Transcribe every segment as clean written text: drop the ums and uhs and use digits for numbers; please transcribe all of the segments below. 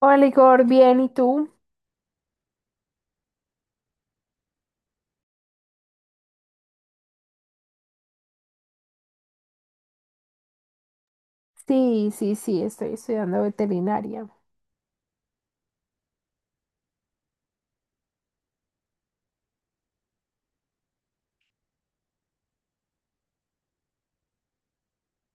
Hola Igor, bien, ¿y tú? Sí, sí, sí, estoy estudiando veterinaria.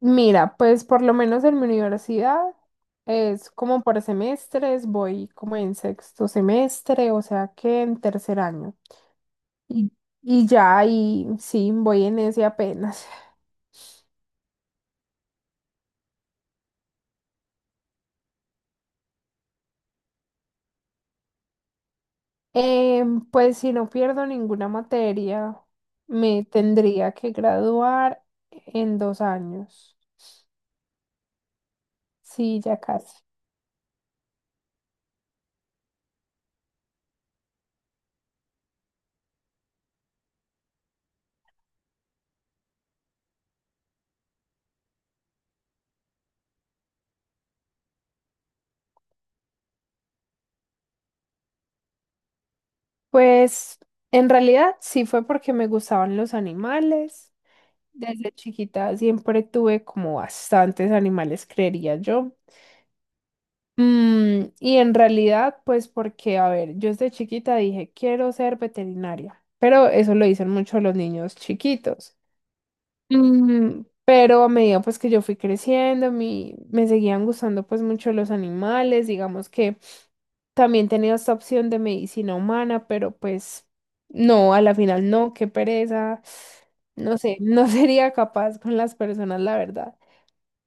Mira, pues por lo menos en mi universidad es como por semestres, voy como en sexto semestre, o sea que en tercer año. Y, y ya, y sí, voy en ese apenas. Pues si no pierdo ninguna materia, me tendría que graduar en dos años. Sí, ya casi. Pues en realidad sí fue porque me gustaban los animales. Desde chiquita siempre tuve como bastantes animales, creería yo. Y en realidad, pues porque, a ver, yo desde chiquita dije, quiero ser veterinaria, pero eso lo dicen mucho los niños chiquitos. Pero a medida pues que yo fui creciendo, me seguían gustando pues mucho los animales, digamos que también tenía esta opción de medicina humana, pero pues no, a la final no, qué pereza, no sé, no sería capaz con las personas, la verdad.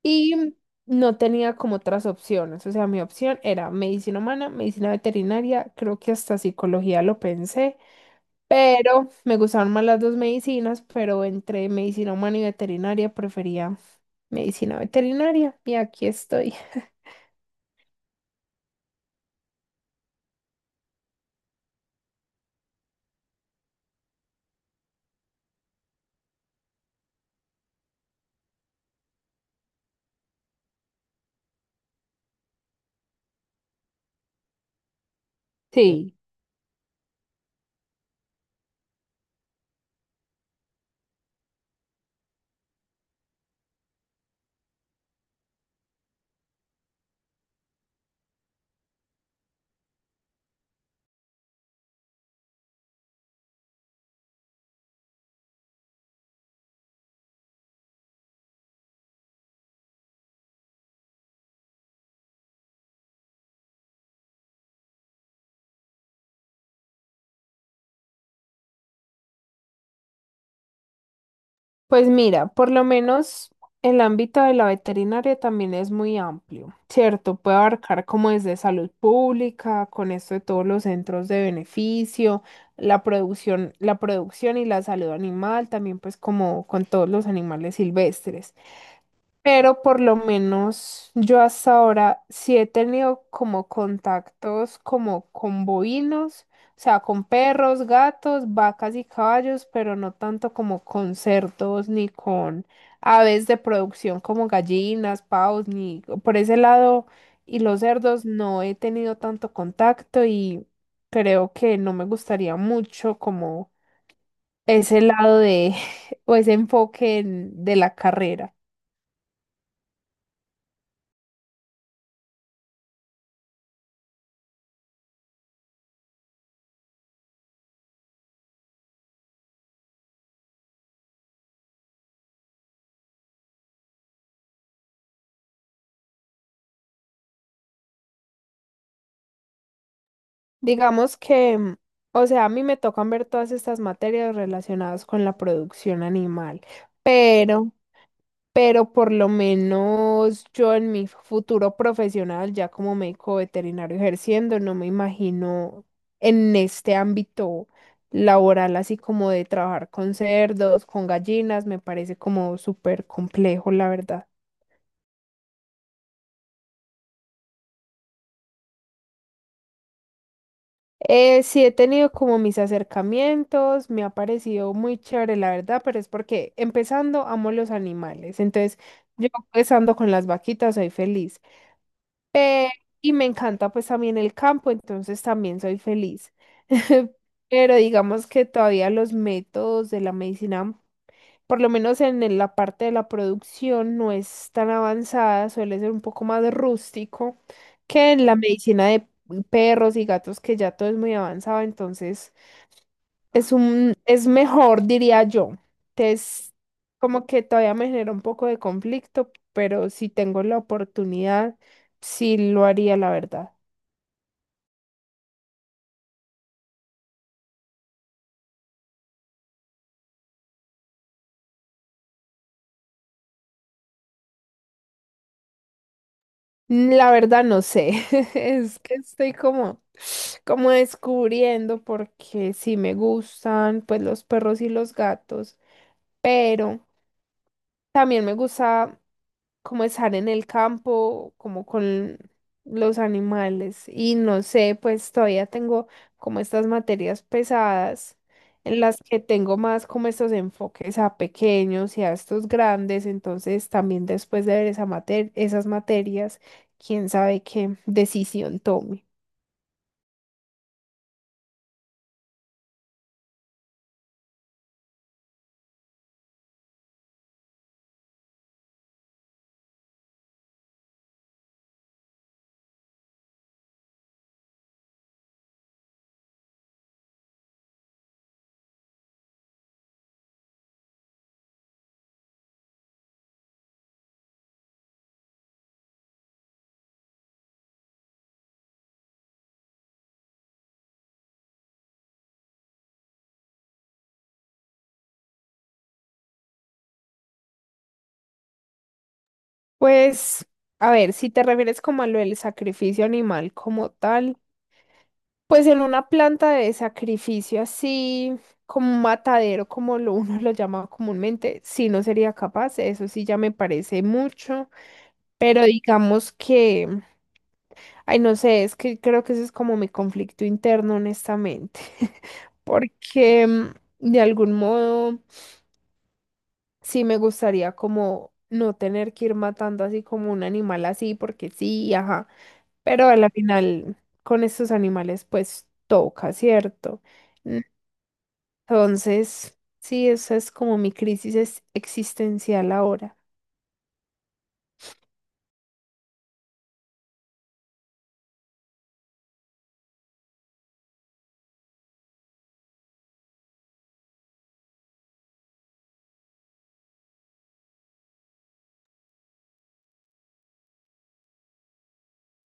Y no tenía como otras opciones, o sea, mi opción era medicina humana, medicina veterinaria, creo que hasta psicología lo pensé. Pero me gustaron más las dos medicinas, pero entre medicina humana y veterinaria prefería medicina veterinaria y aquí estoy. Sí, pues mira, por lo menos el ámbito de la veterinaria también es muy amplio, ¿cierto? Puede abarcar como desde salud pública, con esto de todos los centros de beneficio, la producción y la salud animal, también pues como con todos los animales silvestres. Pero por lo menos yo hasta ahora sí he tenido como contactos como con bovinos, o sea, con perros, gatos, vacas y caballos, pero no tanto como con cerdos ni con aves de producción como gallinas, pavos, ni por ese lado. Y los cerdos no he tenido tanto contacto y creo que no me gustaría mucho como ese lado de o ese de la carrera. Digamos que, mm, o sea, a mí me tocan ver todas estas materias relacionadas con la producción animal, pero, pero por lo menos yo en mi futuro profesional, ya como médico veterinario ejerciendo, no me imagino en este ámbito laboral, así como de trabajar con cerdos, con gallinas, me parece como súper complejo, la verdad. Sí, he tenido como mis acercamientos, me ha parecido muy chévere, la verdad, pero es porque empezando amo los animales, entonces yo empezando con las vaquitas soy feliz y me encanta pues también el campo, entonces también soy feliz. Pero digamos que todavía los métodos de la medicina, por lo menos en el- la parte de la producción, no es tan avanzada, suele ser un poco más rústico que en la medicina de perros y gatos, que ya todo es muy avanzado, entonces... Es un, es mejor, diría yo. Es como que todavía me genera un poco de conflicto, pero si tengo la oportunidad, sí lo haría, la verdad. Mm, La verdad no sé, es que estoy como, como descubriendo porque sí me gustan pues los perros y los gatos, pero también me gusta como estar en el campo, como con los animales. Y no sé, pues todavía tengo como estas materias pesadas en las que tengo más como estos enfoques a pequeños y a estos grandes. Entonces también después de ver esa mater- esas materias, quién sabe qué decisión tome. Pues, a ver, si te refieres como a lo del sacrificio animal como tal. Pues en una planta de sacrificio así, como un matadero, como lo uno lo llama comúnmente, sí no sería capaz, eso sí ya me parece mucho, pero digamos que, ay no sé, es que creo que eso es como mi conflicto interno, honestamente, que mm, de algún modo sí me gustaría como no tener que ir matando así como un animal así, porque sí, ajá, pero a la final con estos animales pues toca, ¿cierto? Entonces, sí, esa es como mi crisis es- existencial ahora.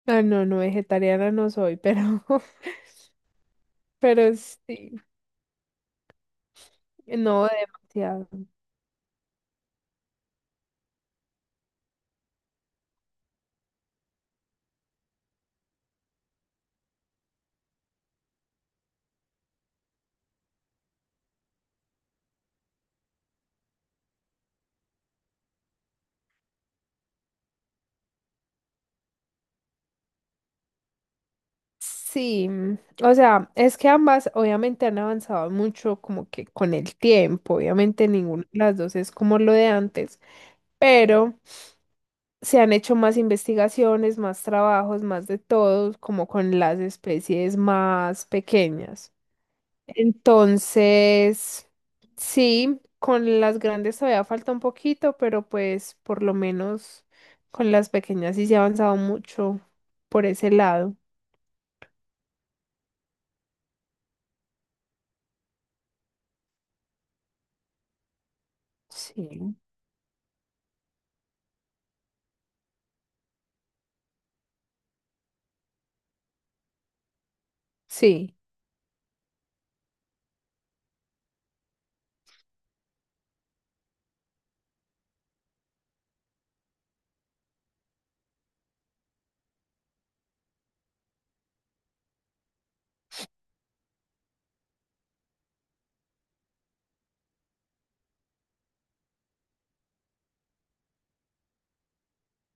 Ah, no, no, vegetariana no soy, pero, pero sí, no demasiado. Sí, mm, o sea, es que ambas obviamente han avanzado mucho como que con el tiempo, obviamente ninguna de las dos es como lo de antes, pero se han hecho más investigaciones, más trabajos, más de todo, como con las especies más pequeñas. Entonces, sí, con las grandes todavía falta un poquito, pero pues por lo menos con las pequeñas sí se ha avanzado mucho por ese lado. Sí. Sí.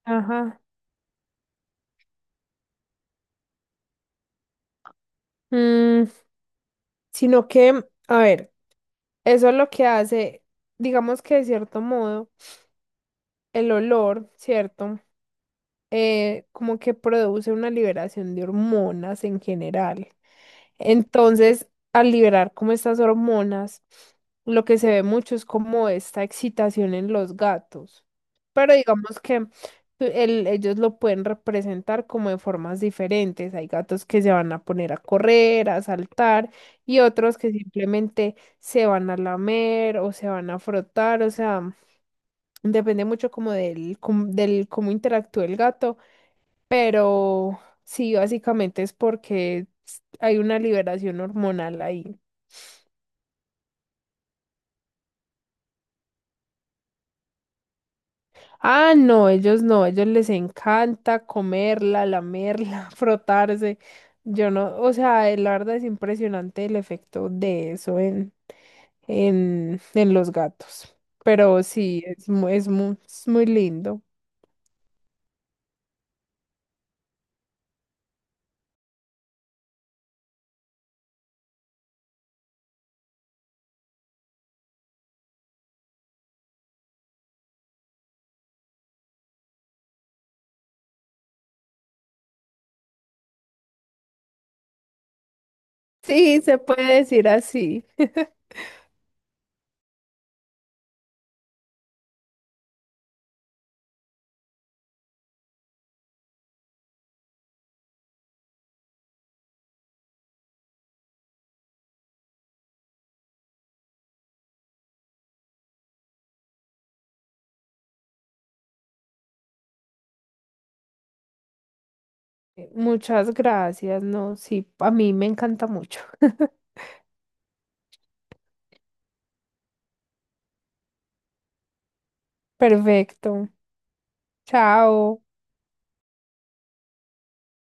Ajá. Mm, sino que, a ver, eso es lo que hace, digamos que de cierto modo, el olor, ¿cierto? Como que produce una liberación de hormonas en general. Entonces, al liberar como estas hormonas, lo que se ve mucho es como esta excitación en los gatos. Pero digamos que tú- el- ellos lo pueden representar como de formas diferentes. Hay gatos que se van a poner a correr, a saltar, y otros que simplemente se van a lamer o se van a frotar. O sea, depende mucho como del, com- del cómo interactúa el gato pero sí, básicamente es porque s- hay una liberación hormonal ahí. Ah, no, ellos no, ellos les encanta comerla, lamerla, frotarse. Yo no, o sea, la verdad es impresionante el efecto de eso en los gatos. Pero sí, es, mu- es, mu- es muy lindo. Sí, se puede decir así. Muchas gracias, no, sí, a mí me encanta mucho. Perfecto. Chao.